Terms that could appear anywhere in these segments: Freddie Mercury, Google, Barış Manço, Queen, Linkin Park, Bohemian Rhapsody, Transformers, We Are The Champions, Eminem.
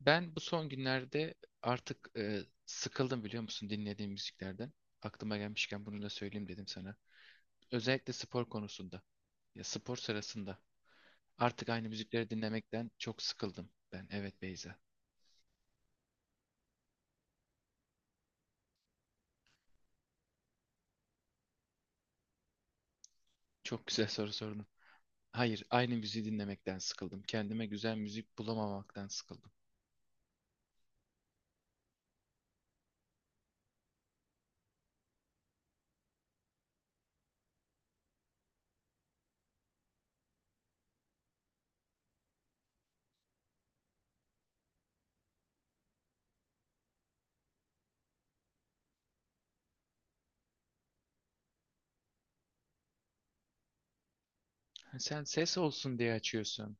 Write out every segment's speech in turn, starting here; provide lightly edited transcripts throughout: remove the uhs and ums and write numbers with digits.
Ben bu son günlerde artık sıkıldım biliyor musun dinlediğim müziklerden. Aklıma gelmişken bunu da söyleyeyim dedim sana. Özellikle spor konusunda. Ya spor sırasında. Artık aynı müzikleri dinlemekten çok sıkıldım ben. Evet Beyza. Çok güzel soru sordun. Hayır, aynı müziği dinlemekten sıkıldım. Kendime güzel müzik bulamamaktan sıkıldım. Ha, sen ses olsun diye açıyorsun.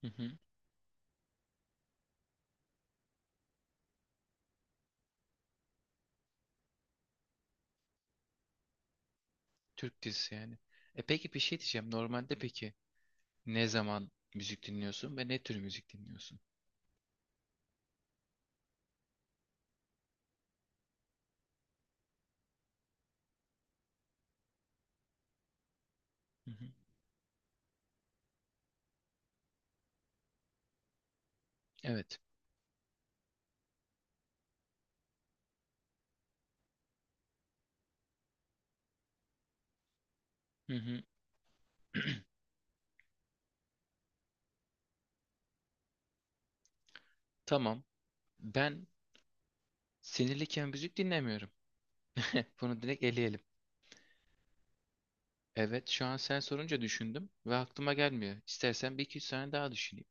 Hı hı. Türk dizisi yani. E peki bir şey diyeceğim. Normalde peki ne zaman müzik dinliyorsun ve ne tür müzik dinliyorsun? Hı hı. Evet. Hı hı. Tamam. Ben sinirliyken müzik dinlemiyorum. Bunu direkt eleyelim. Evet, şu an sen sorunca düşündüm ve aklıma gelmiyor. İstersen bir iki üç saniye daha düşüneyim.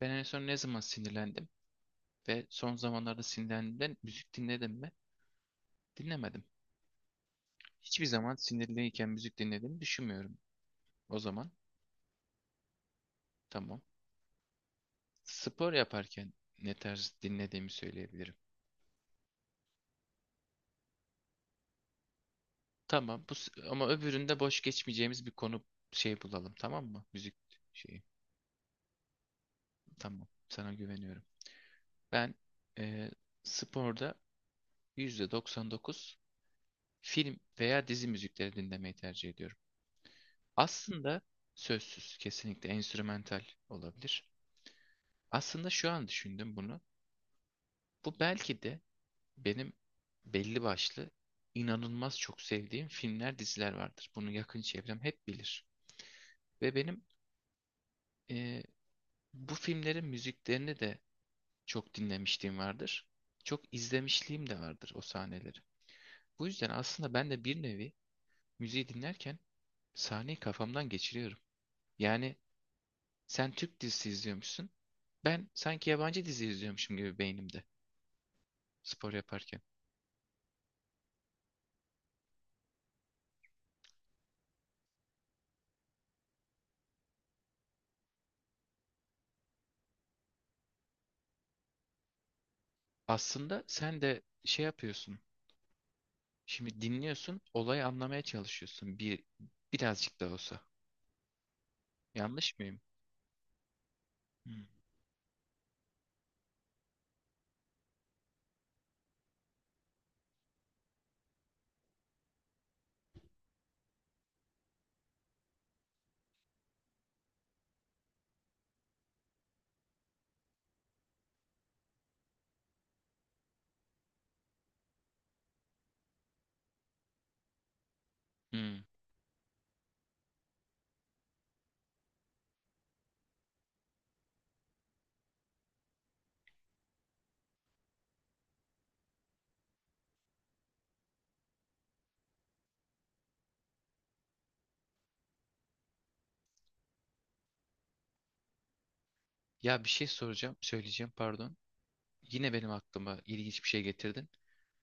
Ben en son ne zaman sinirlendim ve son zamanlarda sinirlendiğimde müzik dinledim mi? Dinlemedim. Hiçbir zaman sinirliyken müzik dinlediğimi düşünmüyorum. O zaman tamam. Spor yaparken ne tarz dinlediğimi söyleyebilirim. Tamam bu ama öbüründe boş geçmeyeceğimiz bir konu şey bulalım tamam mı? Müzik şeyi. Tamam. Sana güveniyorum. Ben eee, sporda %99 film veya dizi müzikleri dinlemeyi tercih ediyorum. Aslında sözsüz, kesinlikle enstrümantal olabilir. Aslında şu an düşündüm bunu. Bu belki de benim belli başlı inanılmaz çok sevdiğim filmler, diziler vardır. Bunu yakın çevrem hep bilir. Ve benim eee, bu filmlerin müziklerini de çok dinlemişliğim vardır. Çok izlemişliğim de vardır o sahneleri. Bu yüzden aslında ben de bir nevi müziği dinlerken sahneyi kafamdan geçiriyorum. Yani sen Türk dizisi izliyormuşsun. Ben sanki yabancı dizi izliyormuşum gibi beynimde spor yaparken. Aslında sen de şey yapıyorsun. Şimdi dinliyorsun, olayı anlamaya çalışıyorsun birazcık da olsa. Yanlış mıyım? Hmm. Hmm. Ya bir şey soracağım, söyleyeceğim pardon. Yine benim aklıma ilginç bir şey getirdin.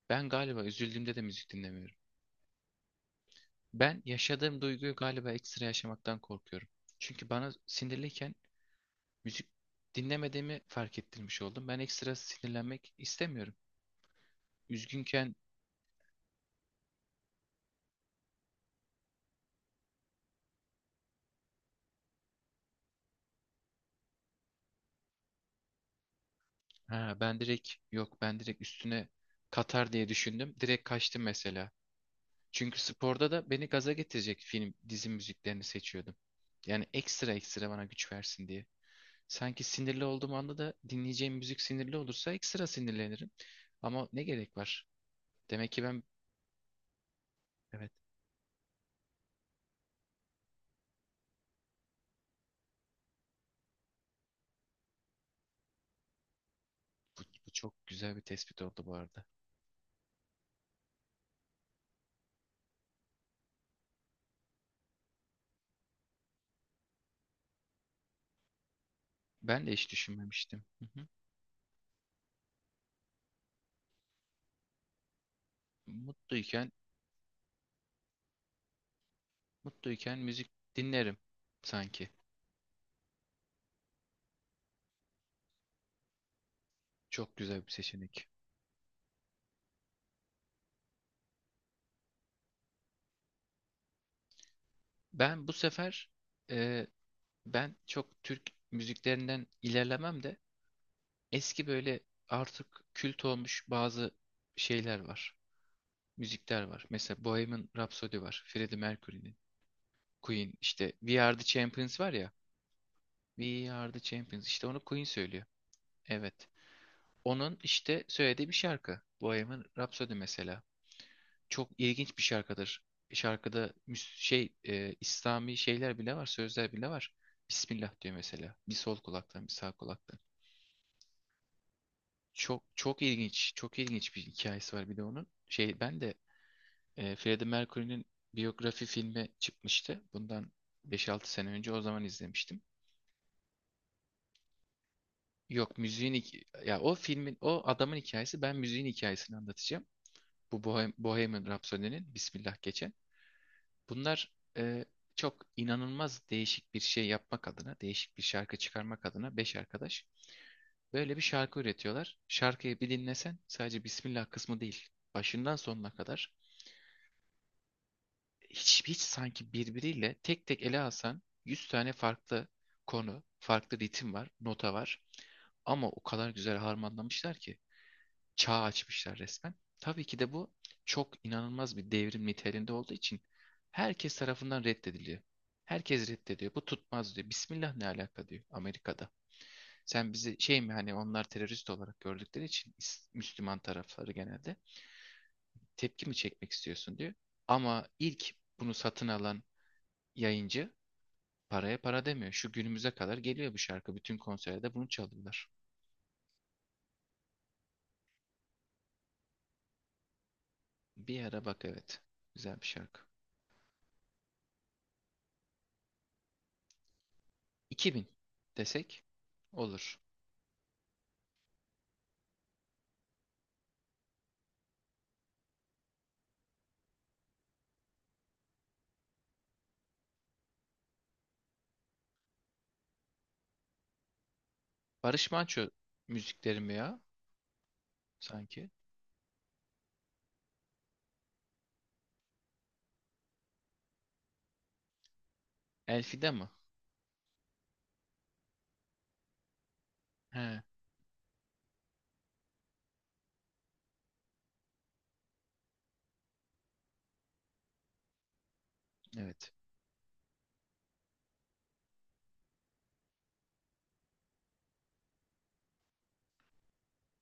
Ben galiba üzüldüğümde de müzik dinlemiyorum. Ben yaşadığım duyguyu galiba ekstra yaşamaktan korkuyorum. Çünkü bana sinirliyken müzik dinlemediğimi fark ettirmiş oldum. Ben ekstra sinirlenmek istemiyorum. Üzgünken ha, ben direkt yok ben direkt üstüne katar diye düşündüm. Direkt kaçtım mesela. Çünkü sporda da beni gaza getirecek film, dizi müziklerini seçiyordum. Yani ekstra ekstra bana güç versin diye. Sanki sinirli olduğum anda da dinleyeceğim müzik sinirli olursa ekstra sinirlenirim. Ama ne gerek var? Demek ki ben evet. Bu çok güzel bir tespit oldu bu arada. Ben de hiç düşünmemiştim. Hı hı. Mutluyken, mutluyken müzik dinlerim sanki. Çok güzel bir seçenek. Ben bu sefer e, ben çok Türk müziklerinden ilerlemem de eski böyle artık kült olmuş bazı şeyler var. Müzikler var. Mesela Bohemian Rhapsody var. Freddie Mercury'nin. Queen işte We Are The Champions var ya. We Are The Champions. İşte onu Queen söylüyor. Evet. Onun işte söylediği bir şarkı. Bohemian Rhapsody mesela. Çok ilginç bir şarkıdır. E, şarkıda İslami şeyler bile var, sözler bile var. Bismillah diyor mesela. Bir sol kulaktan, bir sağ kulaktan. Çok ilginç, çok ilginç bir hikayesi var bir de onun. Şey ben de Freddie Mercury'nin biyografi filmi çıkmıştı. Bundan 5 6 sene önce o zaman izlemiştim. Yok ya o filmin o adamın hikayesi, ben müziğin hikayesini anlatacağım. Bu Bohemian Rhapsody'nin Bismillah geçen. Bunlar e, çok inanılmaz değişik bir şey yapmak adına, değişik bir şarkı çıkarmak adına beş arkadaş böyle bir şarkı üretiyorlar. Şarkıyı bir dinlesen sadece Bismillah kısmı değil, başından sonuna kadar hiç sanki birbiriyle tek tek ele alsan 100 tane farklı konu, farklı ritim var, nota var. Ama o kadar güzel harmanlamışlar ki çağ açmışlar resmen. Tabii ki de bu çok inanılmaz bir devrim niteliğinde olduğu için herkes tarafından reddediliyor. Herkes reddediyor. Bu tutmaz diyor. Bismillah ne alaka diyor Amerika'da. Sen bizi şey mi hani onlar terörist olarak gördükleri için Müslüman tarafları genelde tepki mi çekmek istiyorsun diyor. Ama ilk bunu satın alan yayıncı paraya para demiyor. Şu günümüze kadar geliyor bu şarkı. Bütün konserde bunu çalıyorlar. Bir ara bak evet. Güzel bir şarkı. 2000 desek olur. Barış Manço müzikleri mi ya sanki? Elfide mi? He, evet.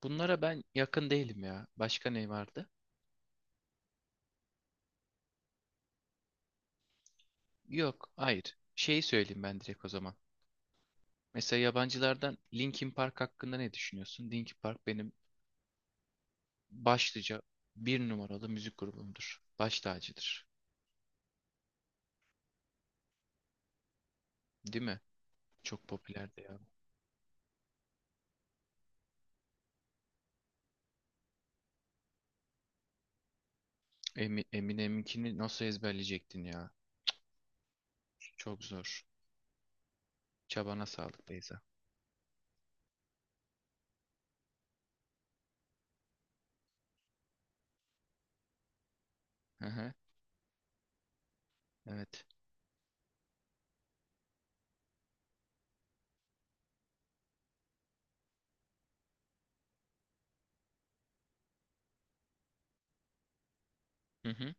Bunlara ben yakın değilim ya. Başka ne vardı? Yok, hayır. Şeyi söyleyeyim ben direkt o zaman. Mesela yabancılardan Linkin Park hakkında ne düşünüyorsun? Linkin Park benim başlıca 1 numaralı müzik grubumdur. Baş tacıdır. Değil mi? Çok popülerdi ya. Eminem'inkini nasıl ezberleyecektin ya? Çok zor. Çabana sağlık Beyza. Hı hı, evet. Hı hı.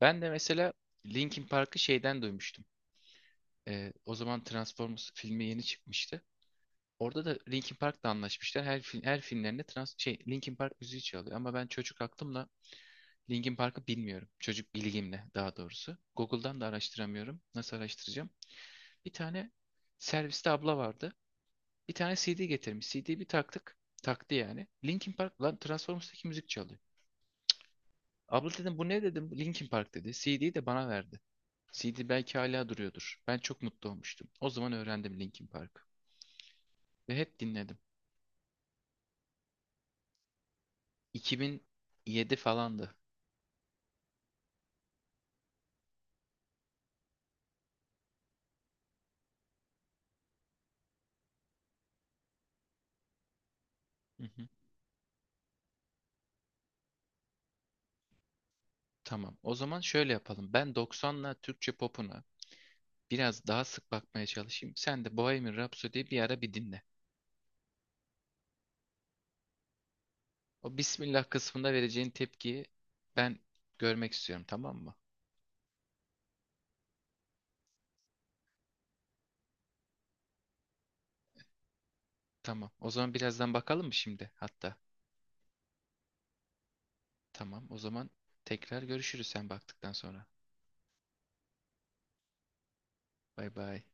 Ben de mesela Linkin Park'ı şeyden duymuştum. O zaman Transformers filmi yeni çıkmıştı. Orada da Linkin Park'la anlaşmışlar. Her film, her filmlerinde trans şey Linkin Park müziği çalıyor ama ben çocuk aklımla Linkin Park'ı bilmiyorum. Çocuk bilgimle daha doğrusu. Google'dan da araştıramıyorum. Nasıl araştıracağım? Bir tane serviste abla vardı. Bir tane CD getirmiş. CD'yi bir taktık. Taktı yani. Linkin Park lan Transformers'taki müzik çalıyor. Abla dedim bu ne dedim. Linkin Park dedi. CD'yi de bana verdi. CD belki hala duruyordur. Ben çok mutlu olmuştum. O zaman öğrendim Linkin Park'ı. Ve hep dinledim. 2007 falandı. Hı hı. Tamam. O zaman şöyle yapalım. Ben 90'la Türkçe popuna biraz daha sık bakmaya çalışayım. Sen de Bohemian Rhapsody'yi bir ara bir dinle. O Bismillah kısmında vereceğin tepkiyi ben görmek istiyorum, tamam mı? Tamam. O zaman birazdan bakalım mı şimdi hatta? Tamam. O zaman tekrar görüşürüz sen baktıktan sonra. Bay bay.